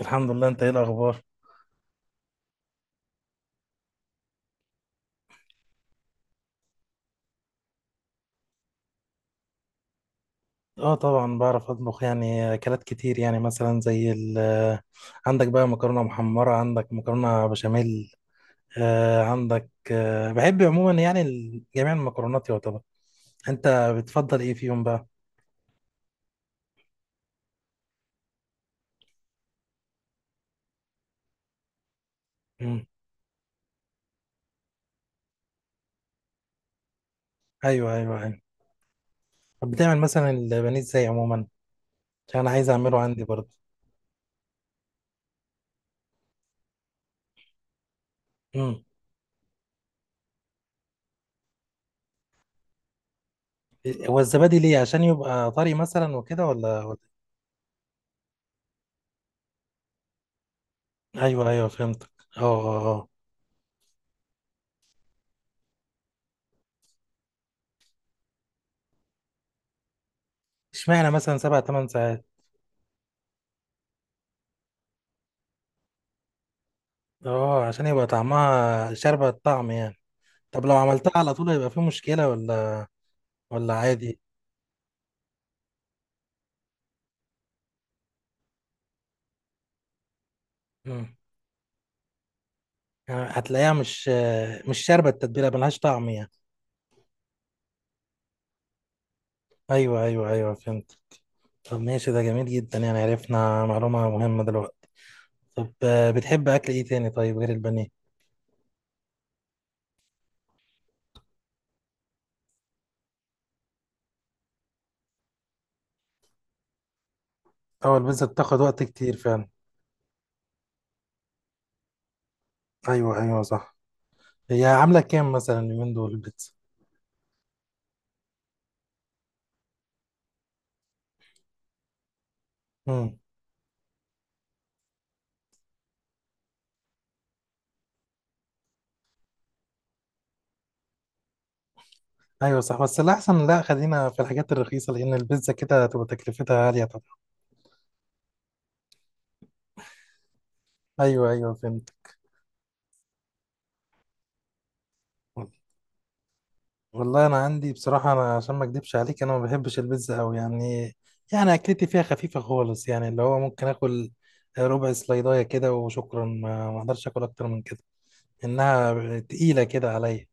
الحمد لله، انت ايه الاخبار؟ اه طبعا بعرف اطبخ، يعني اكلات كتير. يعني مثلا زي ال آه، عندك بقى مكرونه محمره، عندك مكرونه بشاميل. عندك، بحب عموما يعني جميع المكرونات يعتبر. انت بتفضل ايه فيهم بقى؟ مم. ايوه ايوه ايوه. طب بتعمل مثلا البانيه ازاي عموما؟ عشان انا عايز اعمله عندي برضه. مم. هو الزبادي ليه؟ عشان يبقى طري مثلا وكده ولا؟ ايوه ايوه فهمتك. اه اه اه. اشمعنى مثلا سبع ثمان ساعات؟ اه، عشان يبقى طعمها شاربة الطعم يعني. طب لو عملتها على طول هيبقى في مشكلة ولا ولا عادي؟ مم. يعني هتلاقيها مش، مش شاربة التتبيلة، ملهاش طعم يعني. ايوه ايوه ايوه فهمت. طب ماشي، ده جميل جدا، يعني عرفنا معلومة مهمة دلوقتي. طب بتحب اكل ايه تاني طيب غير البانيه؟ اه، البيتزا بتاخد وقت كتير فعلا. ايوه ايوه صح. هي عاملة كام مثلا اليومين دول البيتزا؟ مم. ايوه صح، بس الاحسن لا، خلينا في الحاجات الرخيصة، لان البيتزا كده هتبقى تكلفتها عالية طبعا. ايوه ايوه فهمت. والله انا عندي بصراحه، انا عشان ما اكدبش عليك، انا ما بحبش البيتزا قوي يعني. يعني اكلتي فيها خفيفه خالص، يعني اللي هو ممكن اكل ربع سلايدايه كده وشكرا، ما اقدرش اكل اكتر من كده. انها تقيله كده عليا.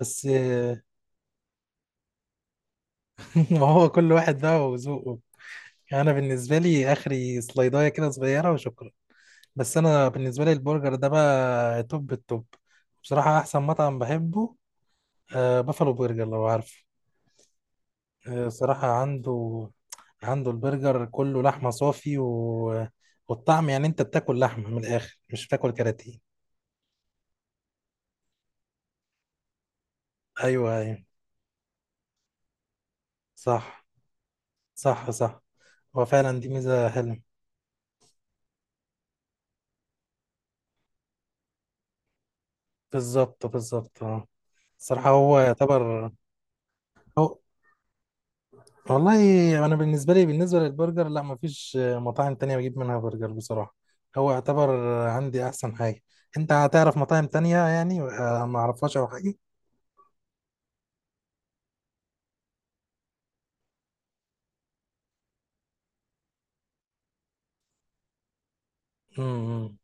بس ما هو كل واحد بقى وذوقه. يعني انا بالنسبه لي اخري سلايدايه كده صغيره وشكرا. بس انا بالنسبه لي البرجر ده بقى توب التوب، بصراحه احسن مطعم بحبه. بافالو برجر لو عارفه. صراحة عنده، عنده البرجر كله لحمة صافي و... والطعم، يعني انت بتاكل لحمة من الآخر، مش بتاكل كراتين. ايوه ايوه صح. صح صح. هو فعلا دي ميزة حلوة. بالظبط بالظبط اه. الصراحة هو يعتبر. هو، والله انا بالنسبة لي، بالنسبة للبرجر لا، مفيش مطاعم تانية بجيب منها برجر بصراحة. هو يعتبر عندي احسن حاجة. انت هتعرف مطاعم تانية يعني ما اعرفهاش او حاجة؟ امم.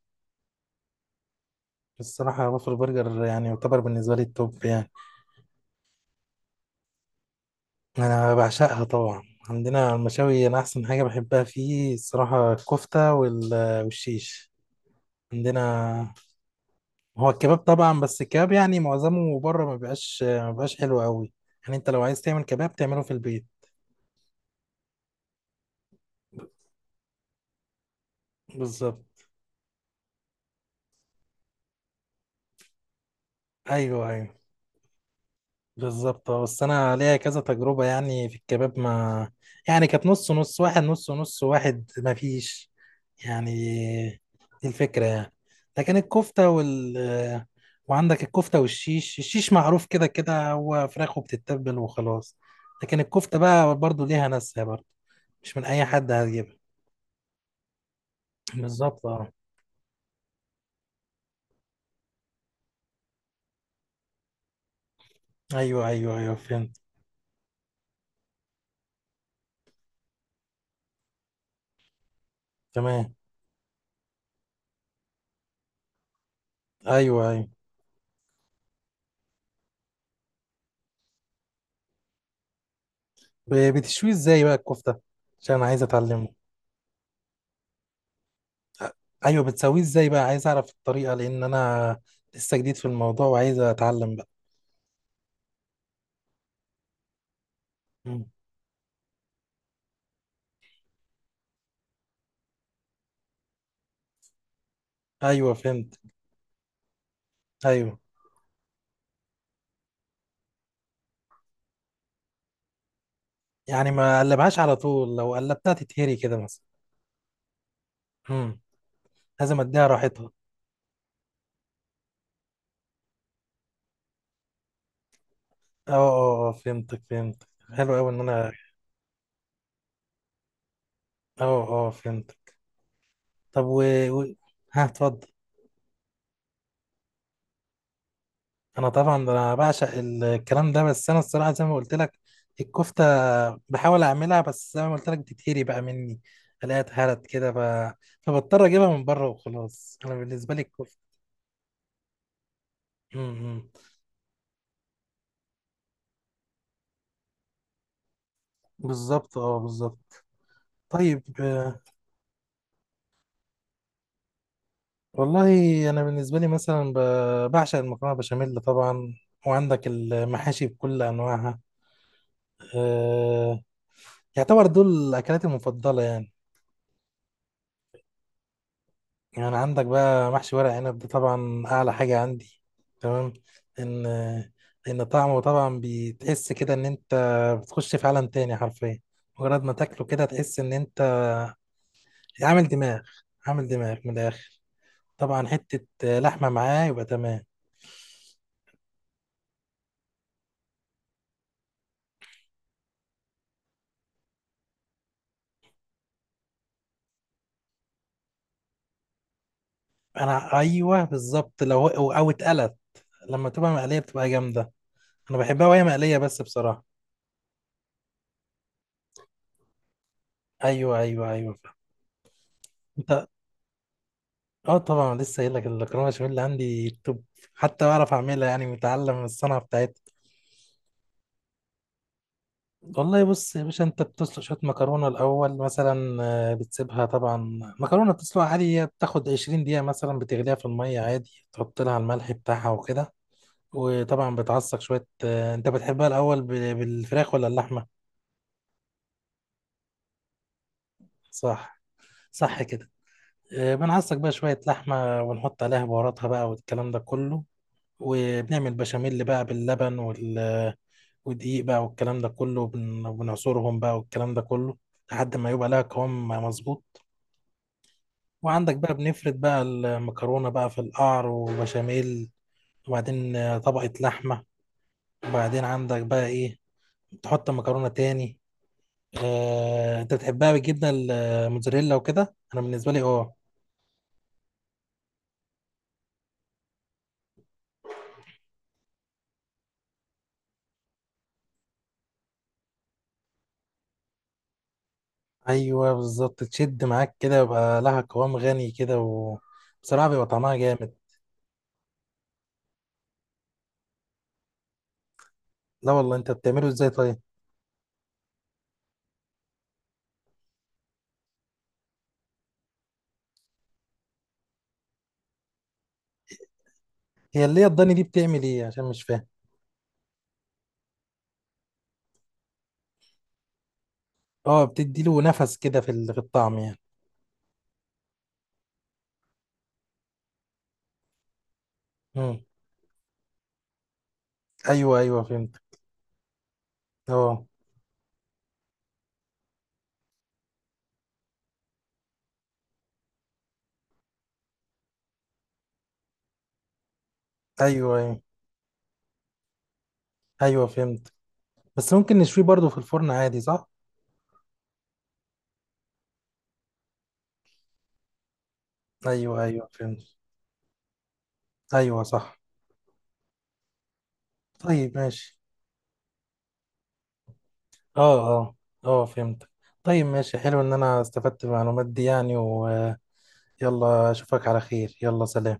الصراحة وافل برجر يعني يعتبر بالنسبة لي التوب يعني. أنا بعشقها طبعا. عندنا المشاوي، أنا أحسن حاجة بحبها فيه الصراحة الكفتة والشيش عندنا. هو الكباب طبعا، بس الكباب يعني معظمه بره ما بيبقاش حلو قوي. يعني أنت لو عايز تعمل كباب تعمله في البيت. بالظبط. أيوه أيوه بالظبط اه، بس انا ليا كذا تجربه يعني في الكباب، ما يعني كانت نص نص، واحد نص نص، واحد ما فيش يعني. دي الفكره يعني. لكن الكفته وال، وعندك الكفته والشيش، الشيش معروف كده كده هو فراخ وبتتبل وخلاص. لكن الكفته بقى برضو ليها ناسها برضو، مش من اي حد هتجيبها. بالظبط اه. ايوه ايوه ايوه فهمت. تمام. ايوه ايوه. بتشوي ازاي بقى الكفته؟ عشان انا عايز اتعلمه. ايوه بتسويه ازاي بقى؟ عايز اعرف الطريقه، لان انا لسه جديد في الموضوع وعايز اتعلم بقى. مم. ايوه فهمت. ايوه، يعني ما قلبهاش على طول، لو قلبتها تتهري كده مثلا. مم. لازم اديها راحتها. اه اه اه فهمتك فهمتك. حلو قوي ان انا. اه اه فهمتك. طب و... و... ها اتفضل. انا طبعا ده انا بعشق الكلام ده، بس انا الصراحه زي ما قلت لك، الكفته بحاول اعملها، بس زي ما قلت لك بتتهري بقى مني، الاقيها اتهرت كده فبضطر اجيبها من بره وخلاص. انا بالنسبه لي الكفته. امم. بالظبط اه بالظبط. طيب والله انا بالنسبه لي مثلا بعشق المكرونه بشاميل طبعا، وعندك المحاشي بكل انواعها. آه، يعتبر دول اكلاتي المفضله يعني. يعني عندك بقى محشي ورق عنب، ده طبعا اعلى حاجه عندي. تمام. ان ان طعمه طبعا بتحس كده ان انت بتخش في عالم تاني حرفيا. مجرد ما تاكله كده تحس ان انت عامل دماغ، عامل دماغ من الاخر. طبعا حته لحمه معاه يبقى تمام. انا ايوه بالظبط، لو او اتقلت، لما تبقى مقليه بتبقى جامده. انا بحبها وهي مقليه بس بصراحه. ايوه ايوه ايوه. انت، اه طبعا لسه قايل لك، المكرونه بشاميل اللي عندي توب، حتى بعرف اعملها، يعني متعلم الصنعه بتاعتها. والله بص يا باشا، انت بتسلق شويه مكرونه الاول مثلا. بتسيبها طبعا، مكرونه بتسلقها عادي، هي بتاخد 20 دقيقه مثلا، بتغليها في الميه عادي، تحط لها الملح بتاعها وكده. وطبعا بتعصق شويه. انت بتحبها الاول بالفراخ ولا اللحمه؟ صح. صح كده. بنعصق بقى شويه لحمه ونحط عليها بهاراتها بقى والكلام ده كله، وبنعمل بشاميل بقى باللبن وال، ودقيق بقى والكلام ده كله، بنعصرهم بقى والكلام ده كله لحد ما يبقى لها قوام مظبوط. وعندك بقى بنفرد بقى المكرونة بقى في القعر وبشاميل، وبعدين طبقة لحمة، وبعدين عندك بقى ايه، تحط المكرونة تاني. انت بتحبها بالجبنة الموتزاريلا وكده؟ انا بالنسبة لي اه. ايوه بالظبط، تشد معاك كده يبقى لها قوام غني كده، وبصراحة بيبقى طعمها جامد. لا والله، انت بتعمله ازاي طيب؟ هي اللي هي الضاني دي بتعمل ايه؟ عشان مش فاهم. اه، بتدي له نفس كده في في الطعم يعني. مم. ايوه ايوه فهمت. اه. ايوه ايوه ايوه فهمت. بس ممكن نشويه برضه في الفرن عادي، صح؟ ايوه ايوه فهمت. ايوه صح. طيب ماشي. اه اه اه فهمت. طيب ماشي، حلو ان انا استفدت من المعلومات دي يعني. ويلا، اشوفك على خير، يلا سلام.